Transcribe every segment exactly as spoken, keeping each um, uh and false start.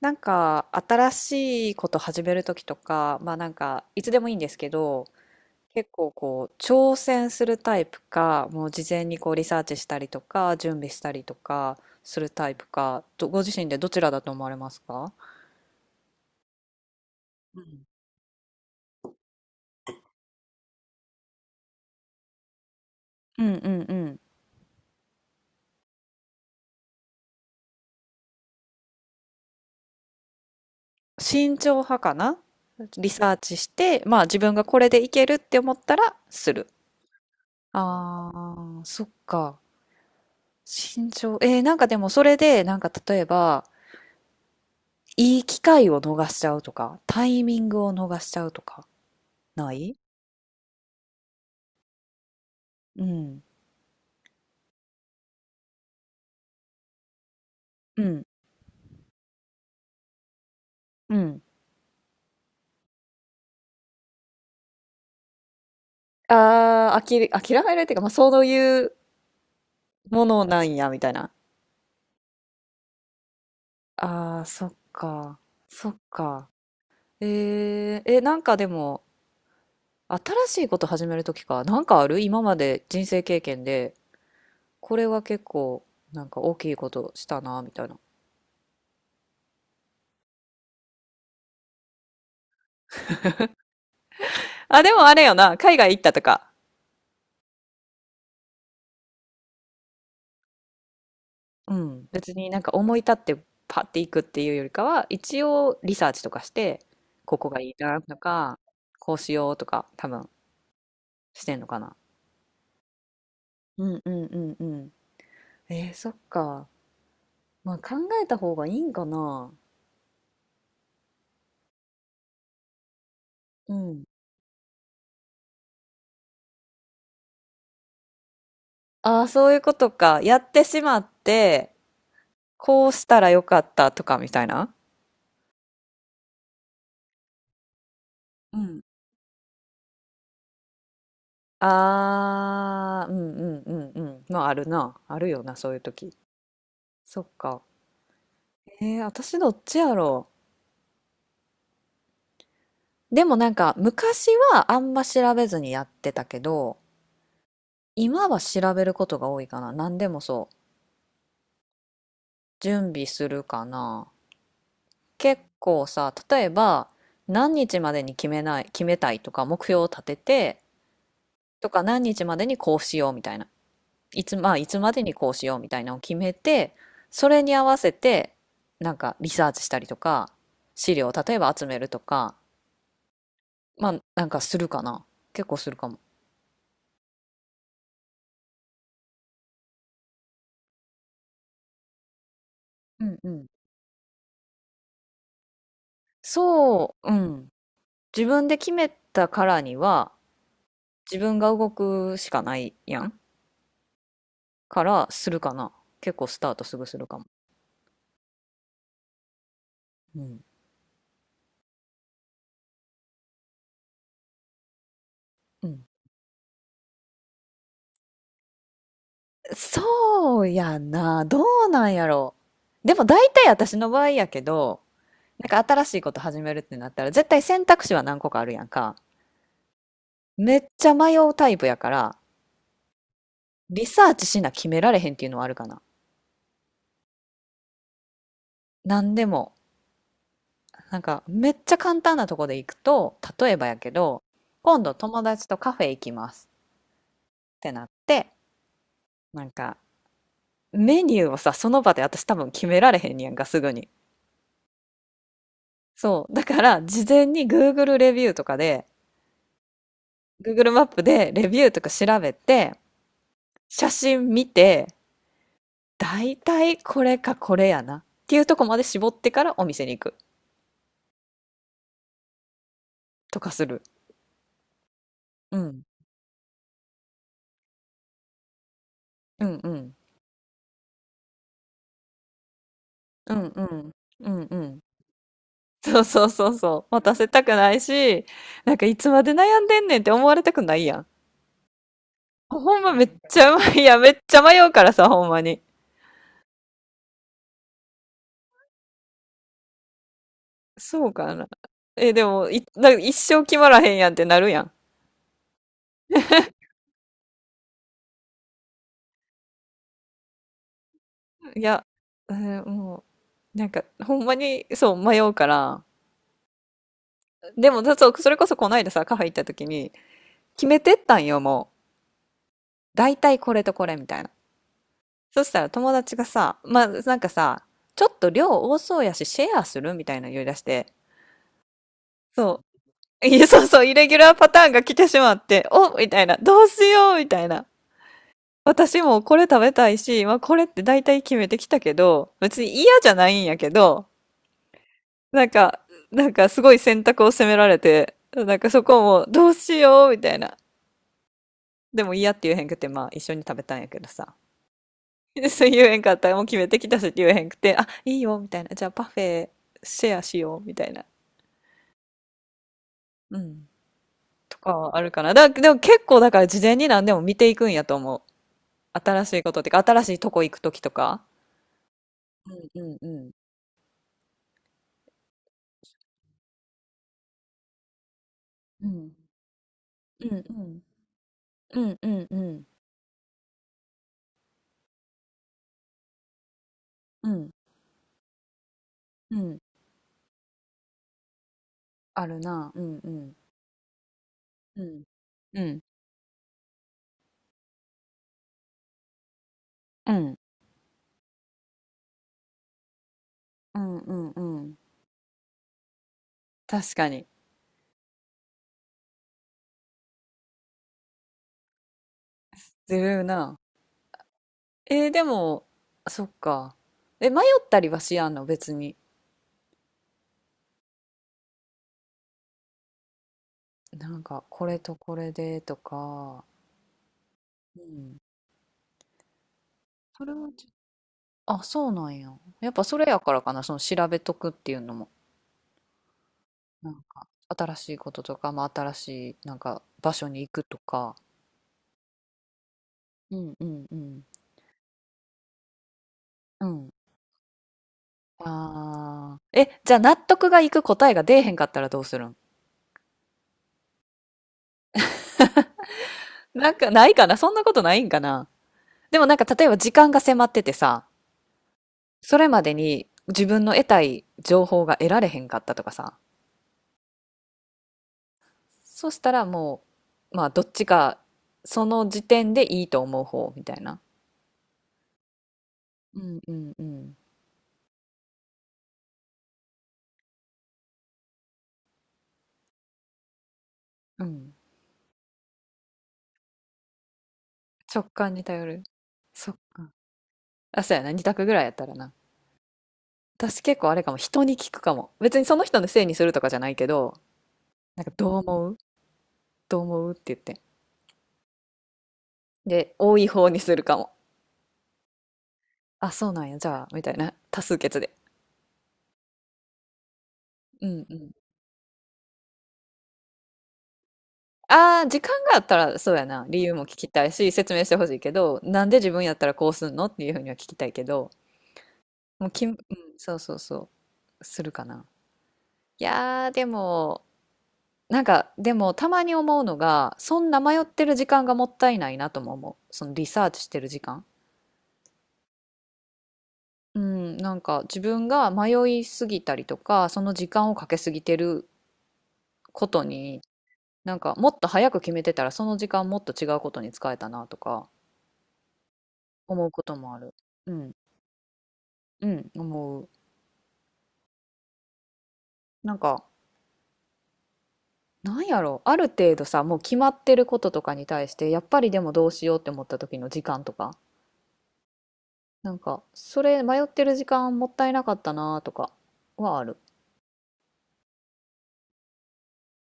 なんか新しいこと始めるときとか、まあなんかいつでもいいんですけど、結構こう挑戦するタイプか、もう事前にこうリサーチしたりとか、準備したりとかするタイプか、どご自身でどちらだと思われますか？うんうんうんうん。慎重派かな。リサーチして、まあ自分がこれでいけるって思ったらする。ああ、そっか。慎重。えー、なんかでもそれで、なんか例えば、いい機会を逃しちゃうとか、タイミングを逃しちゃうとか、ない？うん。うん。うん。ああ、あきれ、諦めるっていうか、まあ、そういうものなんや、みたいな。ああ、そっか。そっか。えー、え、なんかでも、新しいこと始めるときか、なんかある今まで人生経験で、これは結構、なんか大きいことしたな、みたいな。あ、でもあれよな、海外行ったとか。うん。別になんか思い立ってパッて行くっていうよりかは、一応リサーチとかして、ここがいいなとか、こうしようとか、多分してんのかな。うんうんうんうん。えー、そっか。まあ考えた方がいいんかな。うん。ああ、そういうことか。やってしまって、こうしたらよかったとかみたいな。うん。ああ、うんうんうんうん。まああるな。あるよな、そういう時。そっか。えー、私どっちやろう。でもなんか昔はあんま調べずにやってたけど、今は調べることが多いかな。何でもそう。準備するかな。結構さ、例えば何日までに決めない、決めたいとか目標を立てて、とか何日までにこうしようみたいな。いつ、まあいつまでにこうしようみたいなのを決めて、それに合わせてなんかリサーチしたりとか、資料を例えば集めるとか、まあなんかするかな。結構するかも。うんうん。そう、うん。自分で決めたからには自分が動くしかないやんからするかな。結構スタートすぐするかも。うんうん。そうやな、どうなんやろう。でも大体私の場合やけど、なんか新しいこと始めるってなったら絶対選択肢は何個かあるやんか。めっちゃ迷うタイプやから、リサーチしな決められへんっていうのはあるかな。何でも。なんかめっちゃ簡単なとこで行くと例えばやけど、今度友達とカフェ行きますってなって、なんか、メニューをさ、その場で私多分決められへんねやんか、すぐに。そう。だから、事前に Google レビューとかで、Google マップでレビューとか調べて、写真見て、だいたいこれかこれやな。っていうとこまで絞ってからお店に行く。とかする。うん。うんうん。うんうん。うんうん。そうそうそうそう。待たせたくないし、なんかいつまで悩んでんねんって思われたくないやん。ほんまめっちゃ迷いや、めっちゃ迷うからさ、ほんまに。そうかな。え、でも、い、だ一生決まらへんやんってなるやん。いや、えーもう、なんか、ほんまに、そう、迷うから。でも、だそうそれこそこの間さ、カフェ行った時に、決めてったんよ、もう。大体これとこれみたいな。そしたら友達がさ、まあ、なんかさ、ちょっと量多そうやし、シェアするみたいなの言い出して、そう。いや、そうそう、イレギュラーパターンが来てしまって、おみたいな、どうしようみたいな。私もこれ食べたいし、まあ、これって大体決めてきたけど、別に嫌じゃないんやけど、なんか、なんかすごい選択を責められて、なんかそこもどうしようみたいな。でも嫌って言えへんくて、まあ一緒に食べたんやけどさ。で、そう言えへんかったら、もう決めてきたしって言えへんくて、あ、いいよみたいな。じゃあパフェシェアしようみたいな。うん。とかはあるかな。だ、でも結構だから事前に何でも見ていくんやと思う。新しいことってか、新しいとこ行くときとか。うんうんうん。うんうんうん。うんうんうんうんうん。あるな。うんうんうんうんうんうんうんうん。確かに。ずるいな。えー、でもそっか。え迷ったりはしやんの別に？なんかこれとこれでとか。うん。それはちょあ、そうなんや。やっぱそれやからかな、その調べとくっていうのも。なんか新しいこととか、まあ、新しいなんか場所に行くとか。うんうんうんうん。ああ。え、じゃあ納得がいく答えが出えへんかったらどうするん？なんかないかな、そんなことないんかな。でもなんか例えば時間が迫っててさ、それまでに自分の得たい情報が得られへんかったとかさ、そしたらもう、まあどっちか、その時点でいいと思う方みたいな。うんうんうん。うん。直感に頼る。そっか。あ、そうやな。二択ぐらいやったらな。私結構あれかも。人に聞くかも。別にその人のせいにするとかじゃないけど、なんかどう思うどう思うって言って。で、多い方にするかも。あ、そうなんや、じゃあ、みたいな。多数決で。うんうん。ああ、時間があったら、そうやな。理由も聞きたいし、説明してほしいけど、なんで自分やったらこうすんのっていうふうには聞きたいけど、もうき、うん、そうそうそう、するかな。いやー、でも、なんか、でも、たまに思うのが、そんな迷ってる時間がもったいないなとも思う。そのリサーチしてる時間。うん、なんか自分が迷いすぎたりとか、その時間をかけすぎてることに、なんかもっと早く決めてたらその時間もっと違うことに使えたなとか思うこともある。うん、うん、思う。なんか、なんやろう、ある程度さ、もう決まってることとかに対して、やっぱりでもどうしようって思った時の時間とか、なんか、それ迷ってる時間もったいなかったなとかはある。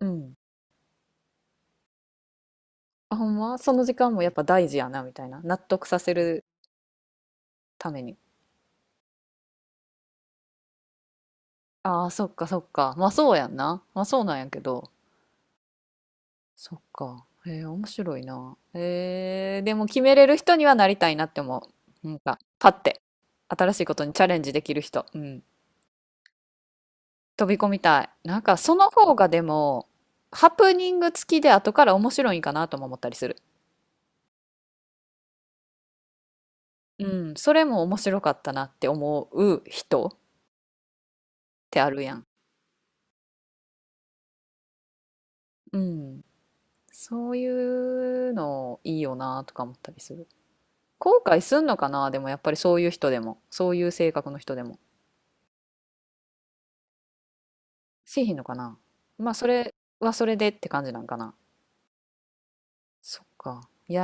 うん。あ、ほんまその時間もやっぱ大事やなみたいな。納得させるために。ああー、そっかそっか。まあそうやんな。まあそうなんやけど。そっか。へえ、面白いな。へえ、でも決めれる人にはなりたいなって思う。なんか、パッて、新しいことにチャレンジできる人。うん。飛び込みたい。なんか、その方がでも、ハプニング付きで後から面白いんかなとも思ったりする。うん。それも面白かったなって思う人ってあるやん。うん。そういうのいいよなとか思ったりする。後悔すんのかな、でもやっぱりそういう人でも。そういう性格の人でも。せえへんのかな。まあそれはそれでって感じなんかな。そっか。いや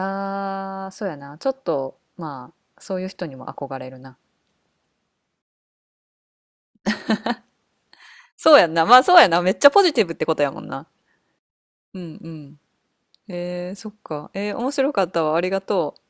ーそうやな、ちょっと、まあそういう人にも憧れるな。そうやんな、まあそうやな、めっちゃポジティブってことやもんな。うんうん。えー、そっか。えー、面白かったわ、ありがとう。